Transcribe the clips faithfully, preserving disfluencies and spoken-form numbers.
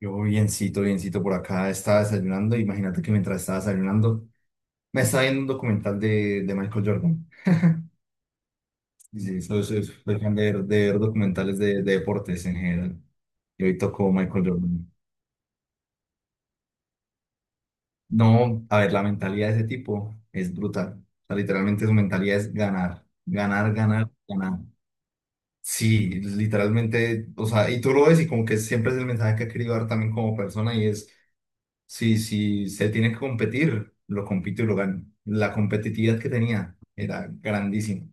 Yo biencito, biencito por acá, estaba desayunando. Imagínate que mientras estaba desayunando, me estaba viendo un documental de, de Michael Jordan. Sí, soy, soy- soy fan de, ver- de ver documentales de, de deportes en general. Y hoy tocó Michael Jordan. No, a ver, la mentalidad de ese tipo es brutal. O sea, literalmente su mentalidad es ganar, ganar, ganar, ganar. Sí, literalmente, o sea, y tú lo ves y como que siempre es el mensaje que ha querido dar también como persona y es si si se tiene que competir, lo compito y lo gano. La competitividad que tenía era grandísima. O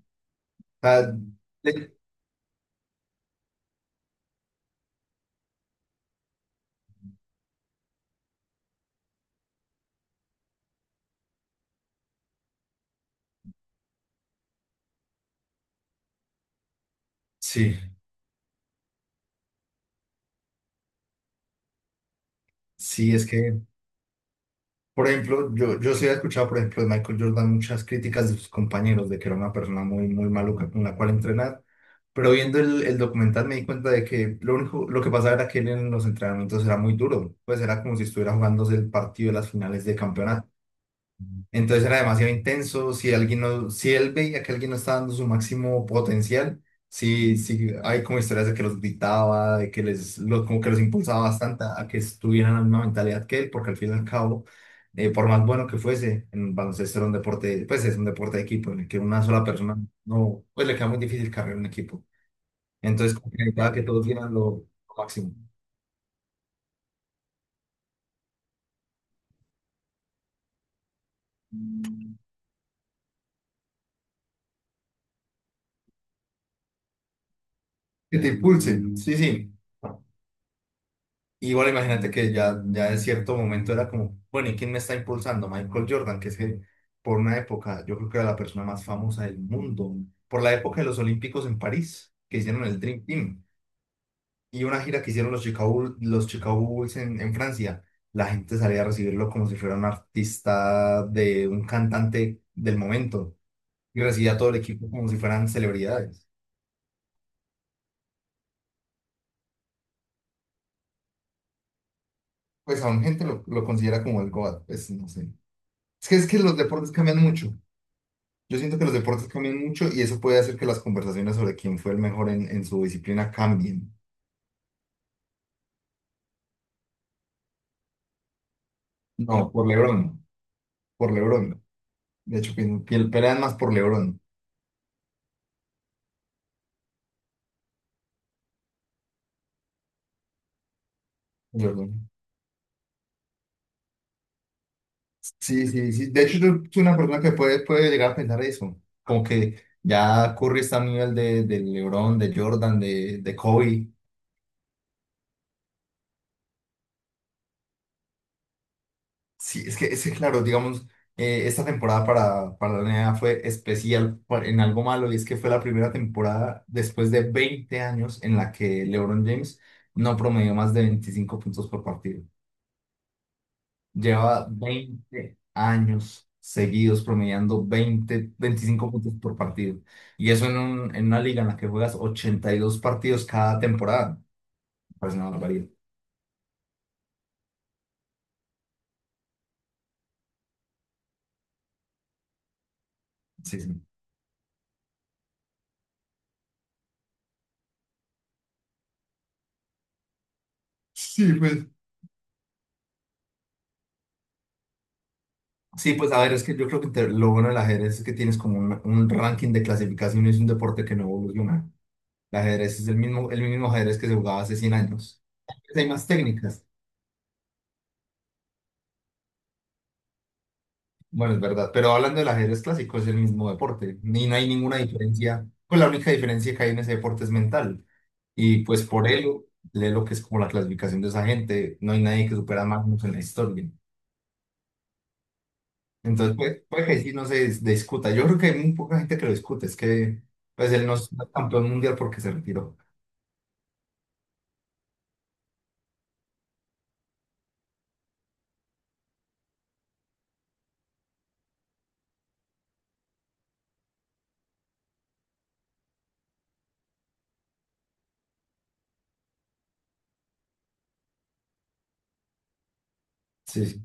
sea, le- sí, sí, es que, por ejemplo, yo, yo sí he escuchado, por ejemplo, de Michael Jordan muchas críticas de sus compañeros de que era una persona muy, muy maluca con la cual entrenar, pero viendo el, el documental me di cuenta de que lo único, lo que pasaba era que él en los entrenamientos era muy duro, pues era como si estuviera jugándose el partido de las finales de campeonato. Entonces era demasiado intenso. Si alguien no, si él veía que alguien no estaba dando su máximo potencial, sí, sí, hay como historias de que los gritaba, de que les, lo- como que los impulsaba bastante a que estuvieran en la misma mentalidad que él, porque al fin y al cabo, eh, por más bueno que fuese, en baloncesto era un deporte, pues es un deporte de equipo, en el que una sola persona no, pues le queda muy difícil cargar un equipo. Entonces, como que necesitaba que todos dieran lo, lo máximo. Que te impulse, sí, sí. Y bueno, imagínate que ya, ya en cierto momento era como, bueno, ¿y quién me está impulsando? Michael Jordan, que es que por una época yo creo que era la persona más famosa del mundo, por la época de los Olímpicos en París, que hicieron el Dream Team, y una gira que hicieron los Chicago, Bull- los Chicago Bulls en, en Francia, la gente salía a recibirlo como si fuera un artista de un cantante del momento, y recibía a todo el equipo como si fueran celebridades. Pues aún gente lo, lo considera como el GOAT, pues no sé. Es que, es que los deportes cambian mucho. Yo siento que los deportes cambian mucho y eso puede hacer que las conversaciones sobre quién fue el mejor en, en su disciplina cambien. No, por LeBron, por LeBron. De hecho, que, que pelean más por LeBron. Jordan. Sí, sí, sí. De hecho, yo soy una persona que puede, puede llegar a pensar eso. Como que ya Curry está a nivel de, de LeBron, de Jordan, de, de Kobe. Sí, es que, es que, claro, digamos, eh, esta temporada para, para la N B A fue especial por- en algo malo y es que fue la primera temporada después de veinte años en la que LeBron James no promedió más de veinticinco puntos por partido. Lleva veinte años seguidos promediando veinte veinticinco puntos por partido. Y eso en, un- en una liga en la que juegas ochenta y dos partidos cada temporada. Pues una barbaridad. Sí, sí. Sí, pues. Sí, pues a ver, es que yo creo que te- lo bueno del ajedrez es que tienes como un, un ranking de clasificación y es un deporte que no evoluciona. El ajedrez es el mismo, el mismo ajedrez que se jugaba hace cien años. Pues, hay más técnicas. Bueno, es verdad, pero hablando del ajedrez clásico es el mismo deporte. Ni no hay ninguna diferencia. Pues la única diferencia que hay en ese deporte es mental. Y pues por ello, lee lo que es como la clasificación de esa gente. No hay nadie que supera a Magnus en la historia. Entonces, pues, puede que sí no se dis- discuta. Yo creo que hay muy poca gente que lo discute. Es que pues él no es campeón mundial porque se retiró. Sí, sí,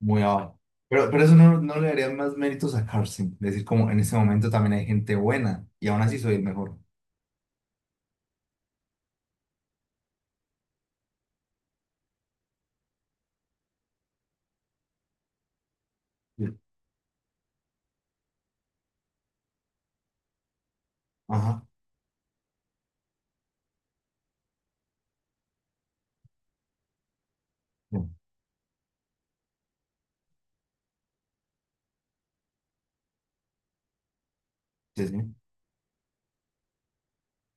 muy abajo. Pero, pero eso no, no le daría más méritos a Carson. Decir, como en este momento también hay gente buena y aún así soy el mejor. Sí. Ajá. Sí, sí. Sí.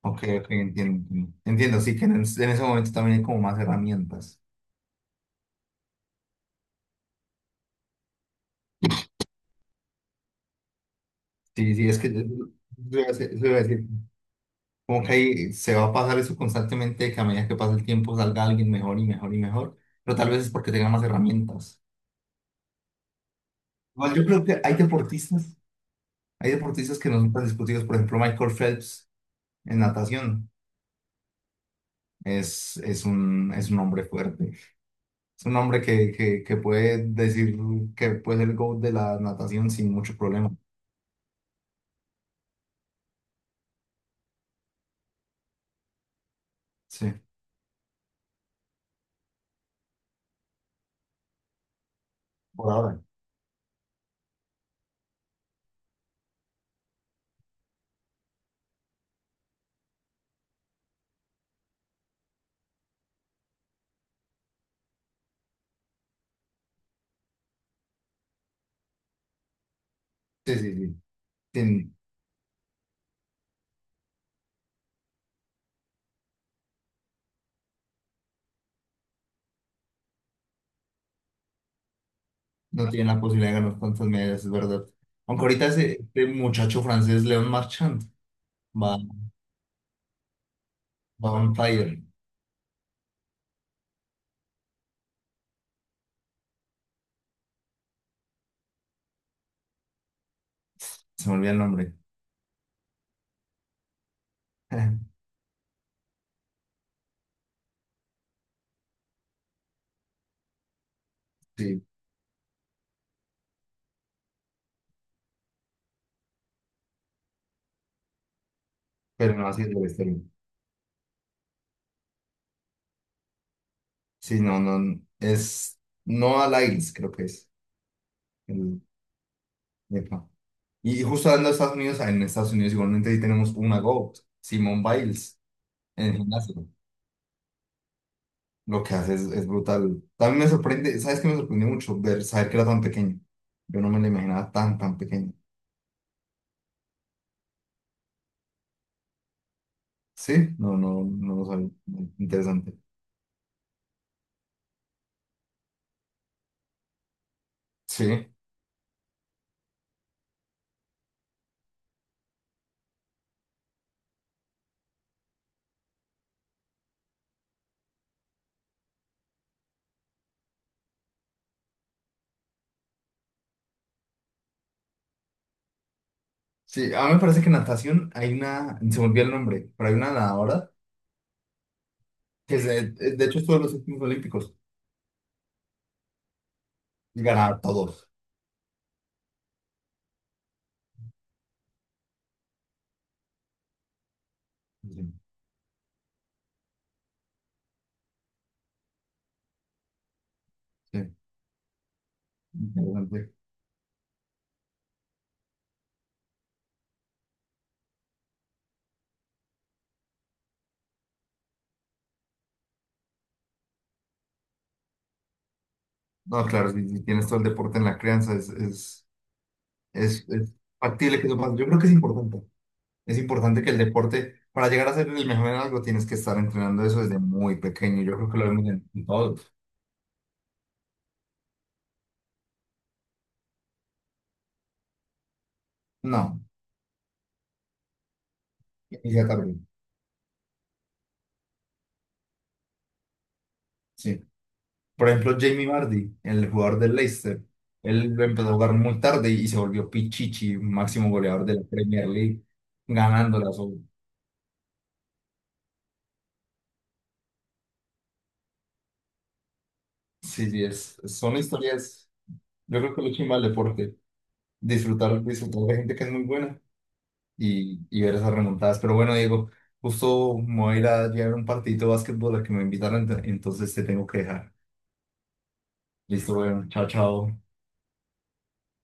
Ok, ok, entiendo. Entiendo, entiendo, sí que en, en ese momento también hay como más herramientas. Sí, sí, es que yo- yo iba a decir, yo iba a decir, como que ahí se va a pasar eso constantemente, que a medida que pasa el tiempo salga alguien mejor y mejor y mejor, pero tal vez es porque tenga más herramientas. Igual yo creo que hay deportistas, hay deportistas que no son tan discutidos, por ejemplo, Michael Phelps en natación. es, es un, es un hombre fuerte. Es un hombre que, que, que puede decir que puede ser el GOAT de la natación sin mucho problema. Sí, por ahora. Sí, sí, sí. Tien- no tiene la posibilidad de ganar tantas medallas, es verdad. Aunque ahorita ese, este muchacho francés, Leon Marchand, va, va on fire. Se me olvida el nombre. Sí, pero no así es la historia. Sí, no, no. Es Noah Lyles, creo que es. El, Y justo hablando de Estados Unidos, en Estados Unidos igualmente ahí tenemos una GOAT, Simone Biles, en el gimnasio. Lo que hace es, es brutal. También me sorprende, ¿sabes qué me sorprendió mucho? Ver, saber que era tan pequeño. Yo no me la imaginaba tan, tan pequeña. Sí, no, no, no lo sabía. Interesante. Sí, sí, a mí me parece que en natación hay una, se me olvidó el nombre, pero hay una nadadora que se- de hecho estuvo en los últimos Olímpicos y ganaba todos. Sí, sí, interesante. No, claro, si, si tienes todo el deporte en la crianza, es, es Es, es factible que eso pase. Yo creo que es importante. Es importante que el deporte, para llegar a ser el mejor en algo, tienes que estar entrenando eso desde muy pequeño. Yo creo que lo vemos en, en todos. No, inicia tarde. Sí. Por ejemplo, Jamie Vardy, el jugador del Leicester, él empezó a jugar muy tarde y se volvió Pichichi, máximo goleador de la Premier League, ganándolas. o- Sí, sí, es, son historias. Yo creo que lo chimba del deporte, disfrutar, disfrutar de gente que es muy buena y, y ver esas remontadas. Pero bueno, Diego, justo me voy a ir a llevar un partidito de básquetbol al que me invitaron, ent- entonces te tengo que dejar. Listo, bueno, chao, chao.